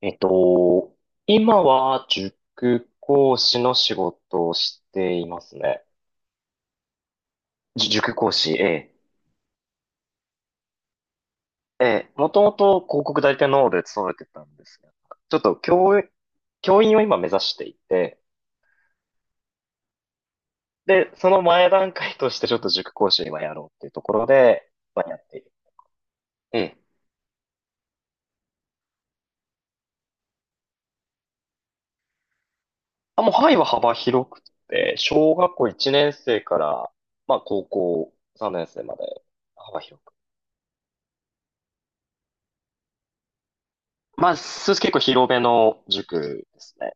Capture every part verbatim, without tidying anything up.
えっと、今は塾講師の仕事をしていますね。じ塾講師、ええ。ええ、もともと広告代理店の方で勤めてたんですが、ちょっと教員、教員を今目指していて、で、その前段階としてちょっと塾講師を今やろうっていうところで、まあ、やっている。ええ。あ、もう範囲は幅広くて、小学校いちねん生から、まあ高校さんねん生まで幅広く。まあ、す結構広めの塾ですね。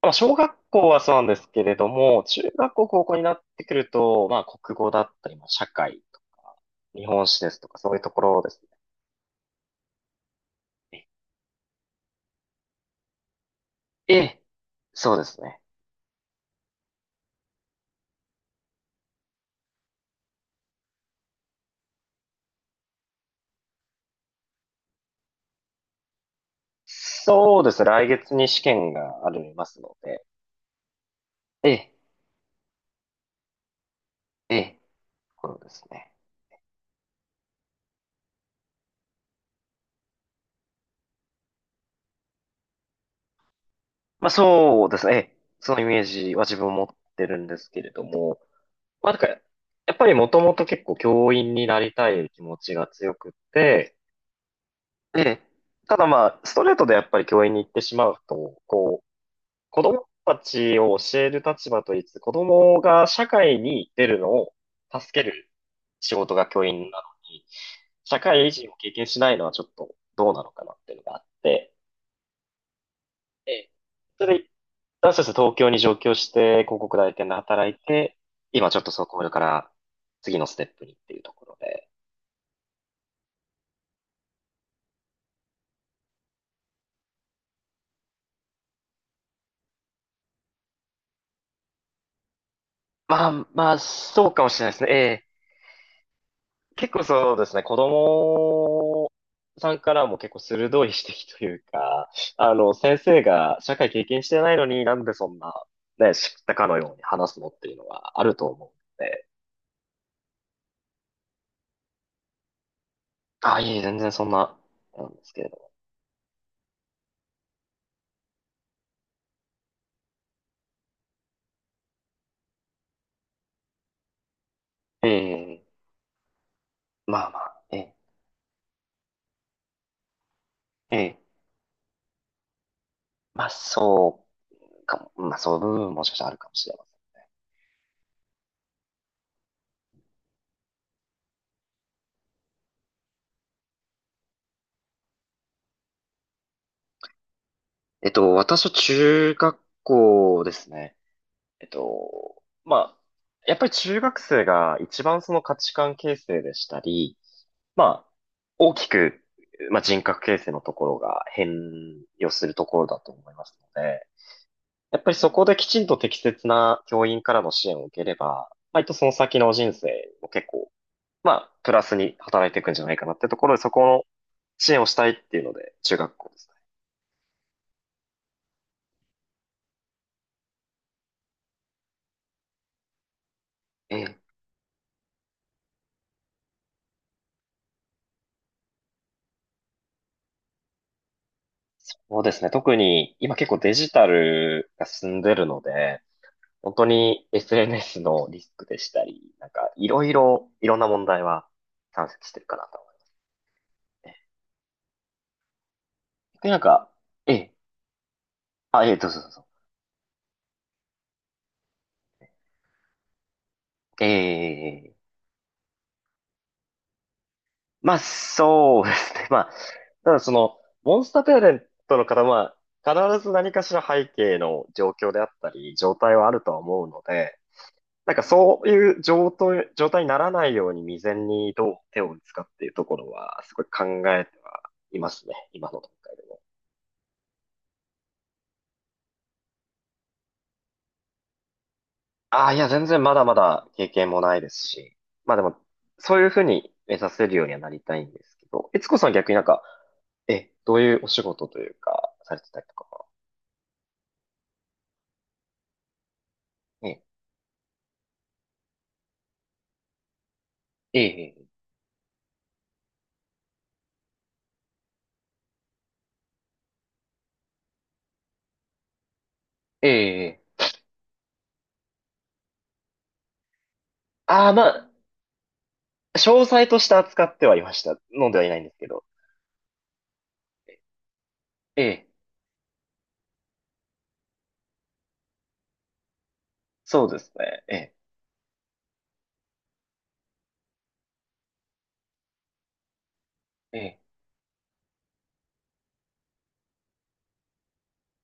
まあ、小学校はそうなんですけれども、中学校、高校になってくると、まあ、国語だったり、まあ、社会とか、日本史ですとか、そういうところですね。ええ、そうですね。そうですね。来月に試験がありますので、ええ、ええ、ところですね。まあ、そうですね。ええ、そのイメージは自分持ってるんですけれども、まあ、なんか、やっぱりもともと結構教員になりたい気持ちが強くって、ええ、ただまあ、ストレートでやっぱり教員に行ってしまうと、こう、子供たちを教える立場と言いつつ、子供が社会に出るのを助ける仕事が教員なのに、社会人を経験しないのはちょっとどうなのかなっていうのがあって、ええ、それで、私たち東京に上京して、広告代理店で働いて、今ちょっとそこから次のステップにっていうところで。まあまあ、そうかもしれないですね。ええ、結構そうですね、子供さんからも結構鋭い指摘というか、あの、先生が社会経験してないのになんでそんな、ね、知ったかのように話すのっていうのはあると思うので、あ、いえ、全然そんな、なんですけれども。ええ、まあまあ、ええ、ええ、まあそうかも、まあそういう部分ももしかしたらあるかもしれません。えっと、私は中学校ですね。えっと、まあ、やっぱり中学生が一番その価値観形成でしたり、まあ、大きく、まあ、人格形成のところが変容するところだと思いますので、やっぱりそこできちんと適切な教員からの支援を受ければ、割とその先の人生も結構、まあ、プラスに働いていくんじゃないかなってところで、そこの支援をしたいっていうので、中学校ですね。ええ。そうですね。特に今結構デジタルが進んでるので、本当に エスエヌエス のリスクでしたり、なんかいろいろ、いろんな問題は山積してるかなと思います。で、なんか、ええ、あ、ええ、どうぞどうぞ。ええ、まあ、そうですね。まあ、ただその、モンスターペアレントの方は、必ず何かしら背景の状況であったり、状態はあるとは思うので、なんかそういう状態、状態にならないように未然にどう手を打つかっていうところは、すごい考えてはいますね。今の段階でも。ああ、いや、全然まだまだ経験もないですし。まあでも、そういうふうに目指せるようにはなりたいんですけど、悦子さんは逆になんか、え、どういうお仕事というか、されてたりとかは。ええええ、ええ、え、ああー、まあ、詳細として扱ってはいました。飲んではいないんですけど。ええ、そうですね。ええ。ええ、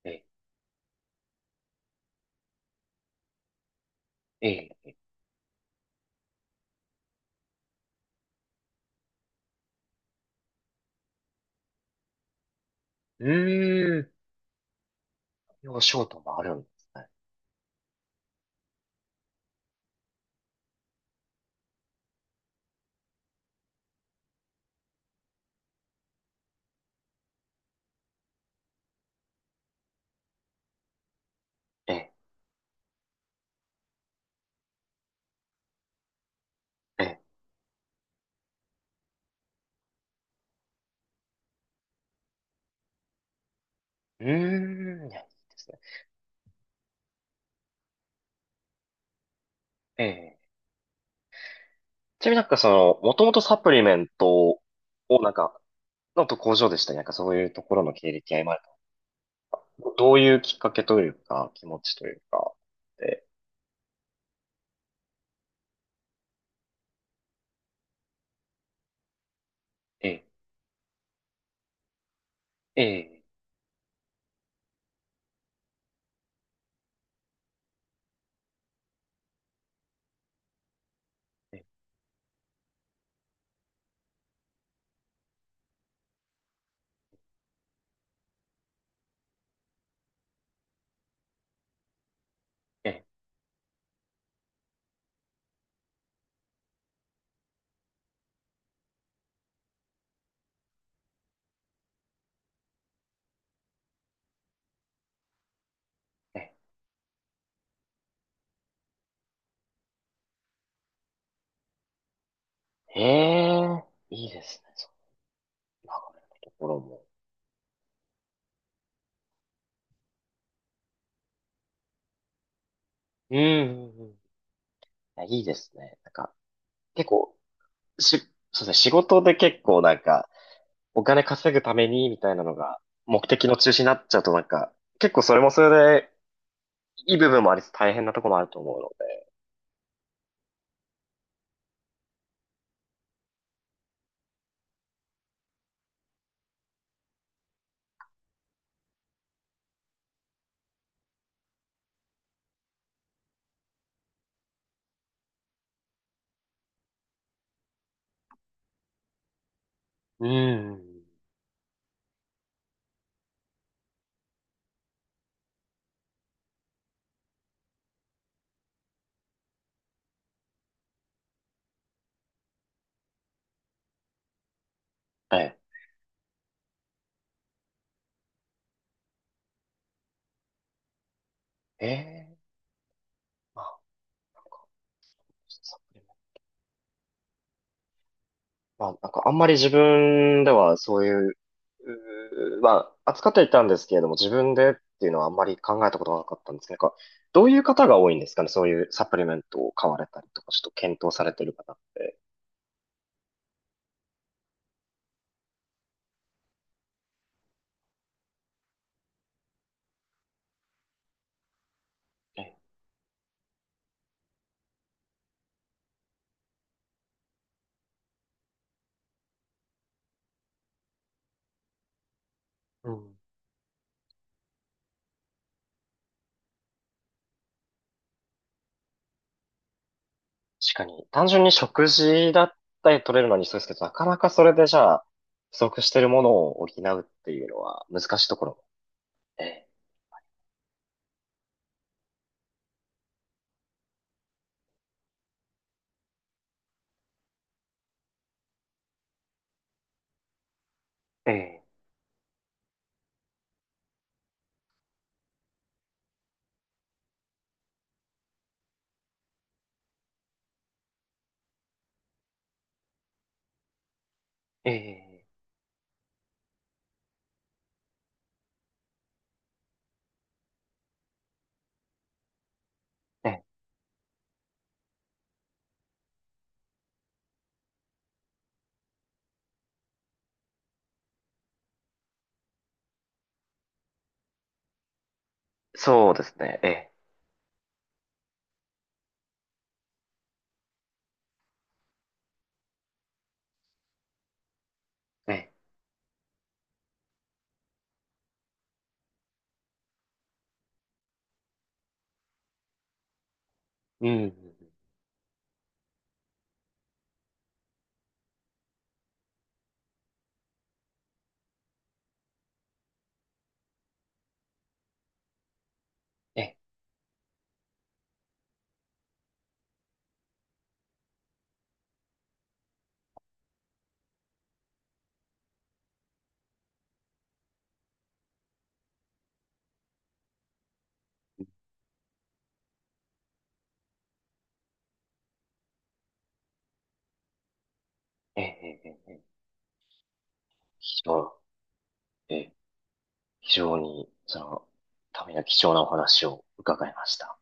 ええ、ええ。うーん。お仕事もあるんですね。ええ、ええ。うーん。いや、いいですね。ええ、ちなみになんかその、もともとサプリメントをなんか、のと工場でしたね、なんかそういうところの経歴が今あると、どういうきっかけというか、気持ちというか、で、ええ、ええ、ええ、ええ、ええ、いいですね、そう、流れのところも。うんうんうん、いやいいですね。なんか、結構、し、そうですね、仕事で結構なんか、お金稼ぐために、みたいなのが、目的の中心になっちゃうとなんか、結構それもそれで、いい部分もありつつ大変なところもあると思うの、うん。はい。ええ、まあ、なんか、サプリメント、まあ、なんかあんまり自分ではそういう、うー、まあ、扱ってはいたんですけれども、自分でっていうのはあんまり考えたことがなかったんですけど、なんか、どういう方が多いんですかね、そういうサプリメントを買われたりとか、ちょっと検討されてる方って。ええ、うん。確かに、単純に食事だったり取れるのにそうですけど、なかなかそれでじゃあ、不足してるものを補うっていうのは難しいところも。ええ、ええ、ええ、ええ、そうですね。ええ、ええ、うん、うんうん、ええ、ええ、ええ、ええ、非常、ええ、非常に、その、ための貴重なお話を伺いました。